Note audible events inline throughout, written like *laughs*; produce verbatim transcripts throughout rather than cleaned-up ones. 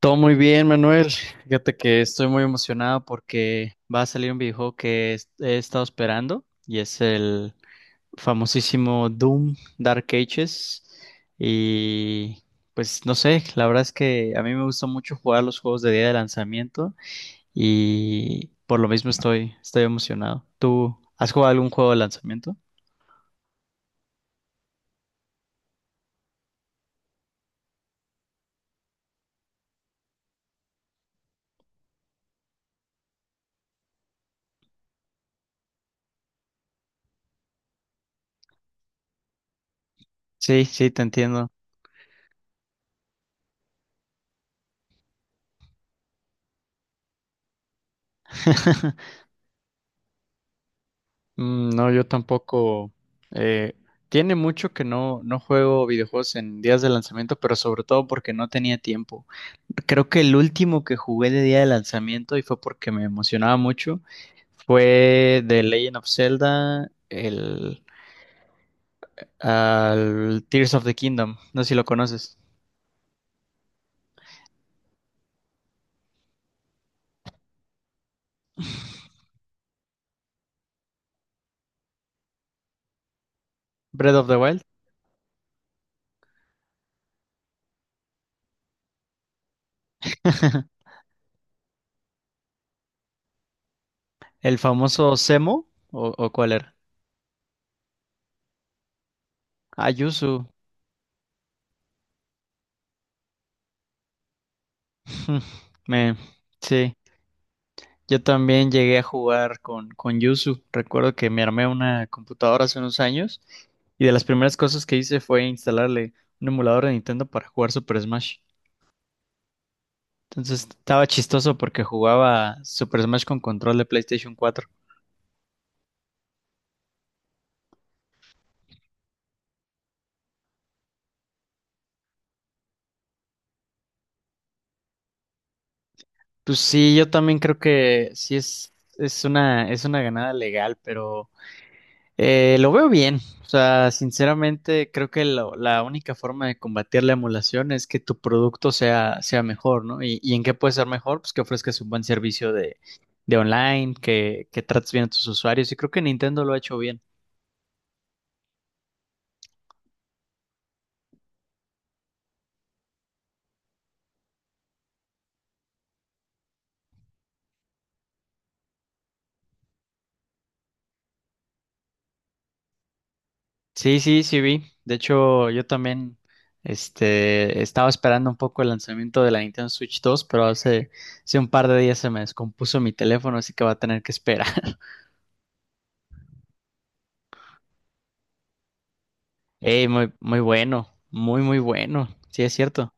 Todo muy bien, Manuel. Fíjate que estoy muy emocionado porque va a salir un videojuego que es- he estado esperando y es el famosísimo Doom Dark Ages. Y pues no sé, la verdad es que a mí me gusta mucho jugar los juegos de día de lanzamiento y por lo mismo estoy, estoy emocionado. ¿Tú has jugado algún juego de lanzamiento? Sí, sí, te entiendo. *laughs* Mm. No, yo tampoco. eh, Tiene mucho que no, no juego videojuegos en días de lanzamiento, pero sobre todo porque no tenía tiempo. Creo que el último que jugué de día de lanzamiento, y fue porque me emocionaba mucho, fue The Legend of Zelda, el, al Tears of the Kingdom. No sé si lo conoces. Breath of the Wild. *laughs* El famoso Semo, o, o cuál era. Ayuzu. *laughs* Me, sí. Yo también llegué a jugar con, con Yuzu. Recuerdo que me armé una computadora hace unos años y de las primeras cosas que hice fue instalarle un emulador de Nintendo para jugar Super Smash. Entonces estaba chistoso porque jugaba Super Smash con control de PlayStation cuatro. Pues sí, yo también creo que sí es, es una, es una ganada legal, pero Eh, lo veo bien. O sea, sinceramente, creo que lo- la única forma de combatir la emulación es que tu producto sea, sea mejor, ¿no? ¿Y, y en qué puede ser mejor? Pues que ofrezcas un buen servicio de, de online, que, que trates bien a tus usuarios. Y creo que Nintendo lo ha hecho bien. Sí, sí, sí vi. De hecho, yo también este, estaba esperando un poco el lanzamiento de la Nintendo Switch dos, pero hace, hace un par de días se me descompuso mi teléfono, así que va a tener que esperar. *laughs* Ey, muy, muy bueno, muy, muy bueno. Sí, es cierto.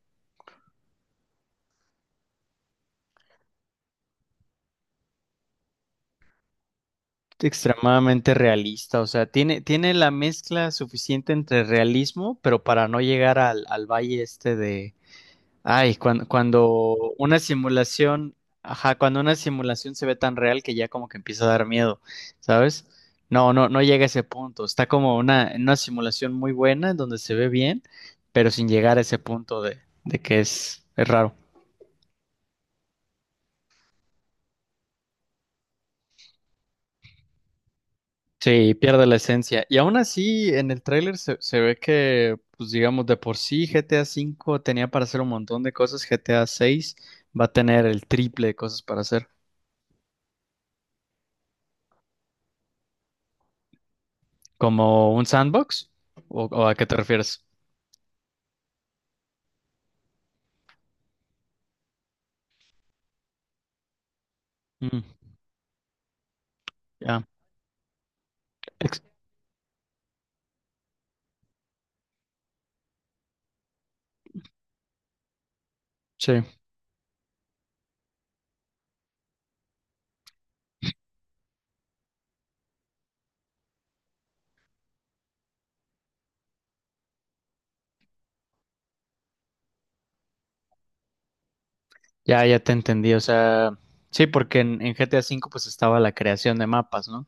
Extremadamente realista, o sea, tiene, tiene la mezcla suficiente entre realismo, pero para no llegar al, al valle este de, ay, cuando, cuando una simulación, ajá, cuando una simulación se ve tan real que ya como que empieza a dar miedo, ¿sabes? No, no, no llega a ese punto. Está como una, en una simulación muy buena, en donde se ve bien, pero sin llegar a ese punto de, de que es, es raro. Sí, pierde la esencia. Y aún así, en el tráiler se, se ve que, pues digamos, de por sí G T A cinco tenía para hacer un montón de cosas, G T A seis va a tener el triple de cosas para hacer. ¿Como un sandbox? ¿O, o a qué te refieres? Mm, ya. Ex- Sí, ya, ya te entendí. O sea, sí, porque en, en G T A cinco pues estaba la creación de mapas, ¿no?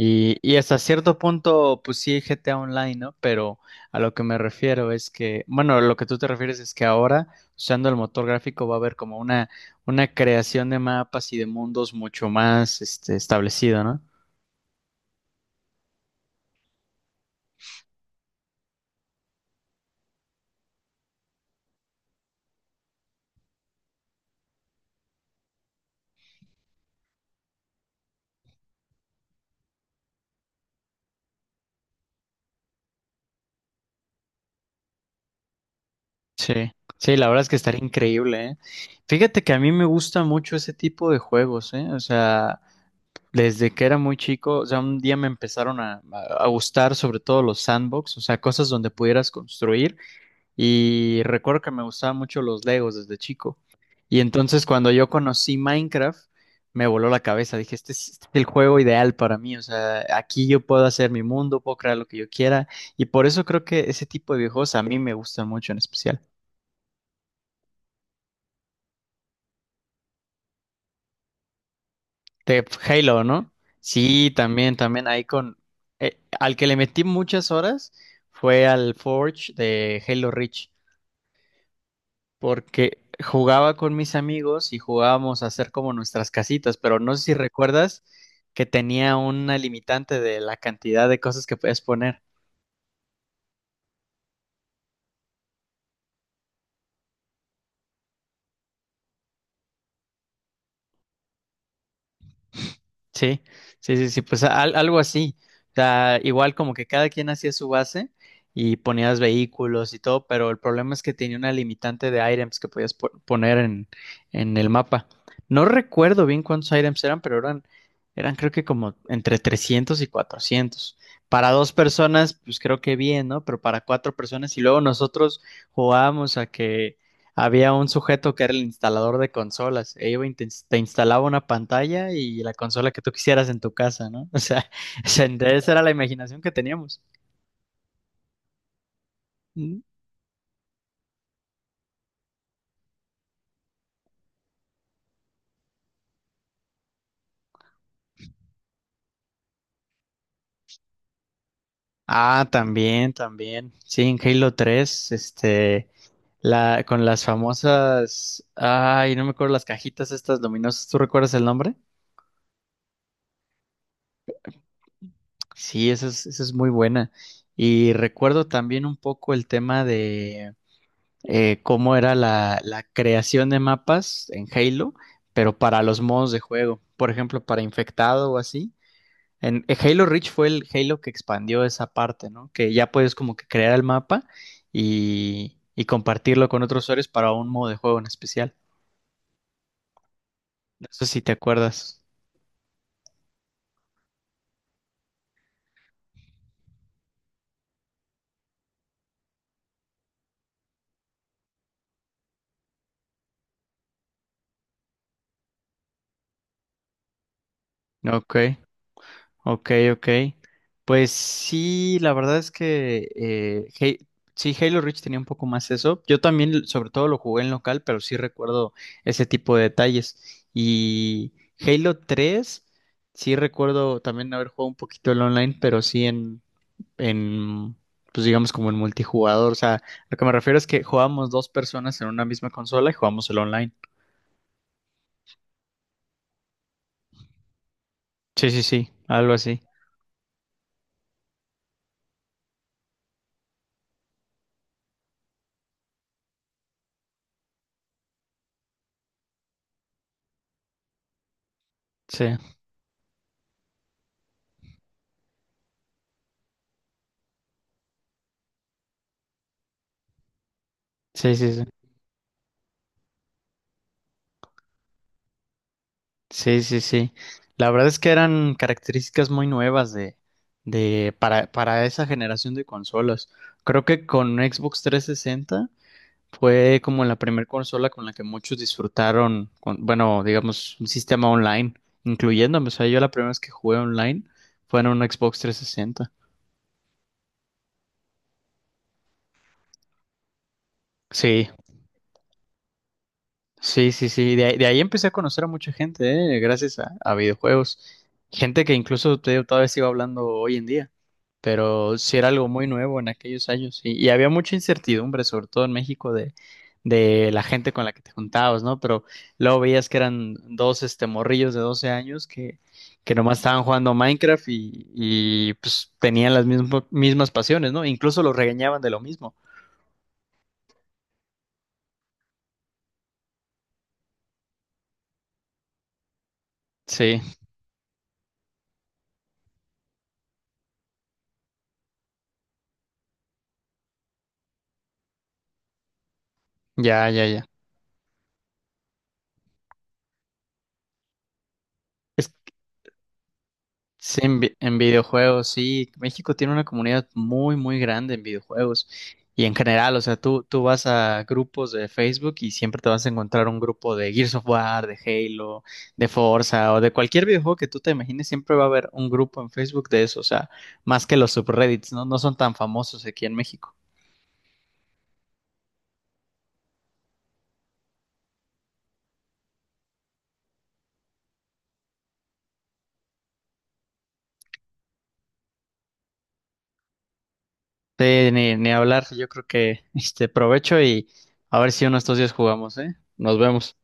Y, y hasta cierto punto, pues sí, G T A Online, ¿no? Pero a lo que me refiero es que, bueno, lo que tú te refieres es que ahora, usando el motor gráfico, va a haber como una, una creación de mapas y de mundos mucho más, este, establecida, ¿no? Sí, sí, la verdad es que estaría increíble, ¿eh? Fíjate que a mí me gusta mucho ese tipo de juegos, ¿eh? O sea, desde que era muy chico, o sea, un día me empezaron a, a gustar sobre todo los sandbox, o sea, cosas donde pudieras construir y recuerdo que me gustaban mucho los Legos desde chico. Y entonces cuando yo conocí Minecraft, me voló la cabeza, dije, este es, este es el juego ideal para mí, o sea, aquí yo puedo hacer mi mundo, puedo crear lo que yo quiera y por eso creo que ese tipo de videojuegos a mí me gustan mucho en especial. De Halo, ¿no? Sí, también, también ahí con... eh, al que le metí muchas horas fue al Forge de Halo Reach, porque jugaba con mis amigos y jugábamos a hacer como nuestras casitas, pero no sé si recuerdas que tenía una limitante de la cantidad de cosas que puedes poner. Sí, sí, sí, sí, pues al- algo así. O sea, igual como que cada quien hacía su base y ponías vehículos y todo, pero el problema es que tenía una limitante de items que podías po- poner en, en el mapa. No recuerdo bien cuántos items eran, pero eran, eran creo que como entre trescientos y cuatrocientos. Para dos personas, pues creo que bien, ¿no? Pero para cuatro personas y luego nosotros jugábamos a que había un sujeto que era el instalador de consolas e iba y te ins- te instalaba una pantalla y la consola que tú quisieras en tu casa, ¿no? *laughs* O sea, o sea, esa era la imaginación que teníamos. Mm. Ah, también, también. Sí, en Halo tres, este, la, con las famosas, ay, no me acuerdo, las cajitas estas luminosas. ¿Tú recuerdas el nombre? Sí, esa es, esa es muy buena. Y recuerdo también un poco el tema, eh, cómo era la, la creación de mapas en Halo, pero para los modos de juego, por ejemplo, para infectado o así. En en Halo Reach fue el Halo que expandió esa parte, ¿no? Que ya puedes como que crear el mapa y, y compartirlo con otros usuarios para un modo de juego en especial. No sé si te acuerdas. ¿No? Ok. Ok, ok. Pues sí, la verdad es que, eh, Halo- sí, Halo Reach tenía un poco más eso. Yo también, sobre todo, lo jugué en local, pero sí recuerdo ese tipo de detalles. Y Halo tres, sí recuerdo también haber jugado un poquito el online, pero sí en, en, pues digamos como en multijugador. O sea, lo que me refiero es que jugábamos dos personas en una misma consola y jugamos el online. Sí, sí, sí, algo así. Sí, sí, sí, sí. Sí, sí, sí. La verdad es que eran características muy nuevas de, de, para, para esa generación de consolas. Creo que con Xbox trescientos sesenta fue como la primera consola con la que muchos disfrutaron, con, bueno, digamos, un sistema online, incluyéndome. O sea, yo la primera vez que jugué online fue en un Xbox trescientos sesenta. Sí. Sí, sí, sí. De, ahí de ahí empecé a conocer a mucha gente, eh, gracias a, a videojuegos. Gente que incluso te digo, todavía sigo hablando hoy en día. Pero sí era algo muy nuevo en aquellos años. Y, y había mucha incertidumbre, sobre todo en México, de, de la gente con la que te juntabas, ¿no? Pero luego veías que eran dos este, morrillos de doce años que, que nomás estaban jugando Minecraft y, y pues tenían las mismo- mismas pasiones, ¿no? Incluso los regañaban de lo mismo. Sí, ya, ya, ya. Sí, en, vi- en videojuegos, sí. México tiene una comunidad muy, muy grande en videojuegos. Y en general, o sea, tú, tú vas a grupos de Facebook y siempre te vas a encontrar un grupo de Gears of War, de Halo, de Forza o de cualquier videojuego que tú te imagines, siempre va a haber un grupo en Facebook de eso. O sea, más que los subreddits, ¿no? No son tan famosos aquí en México. Sí, ni, ni hablar. Yo creo que este provecho y a ver si uno de estos días jugamos, ¿eh? Nos vemos.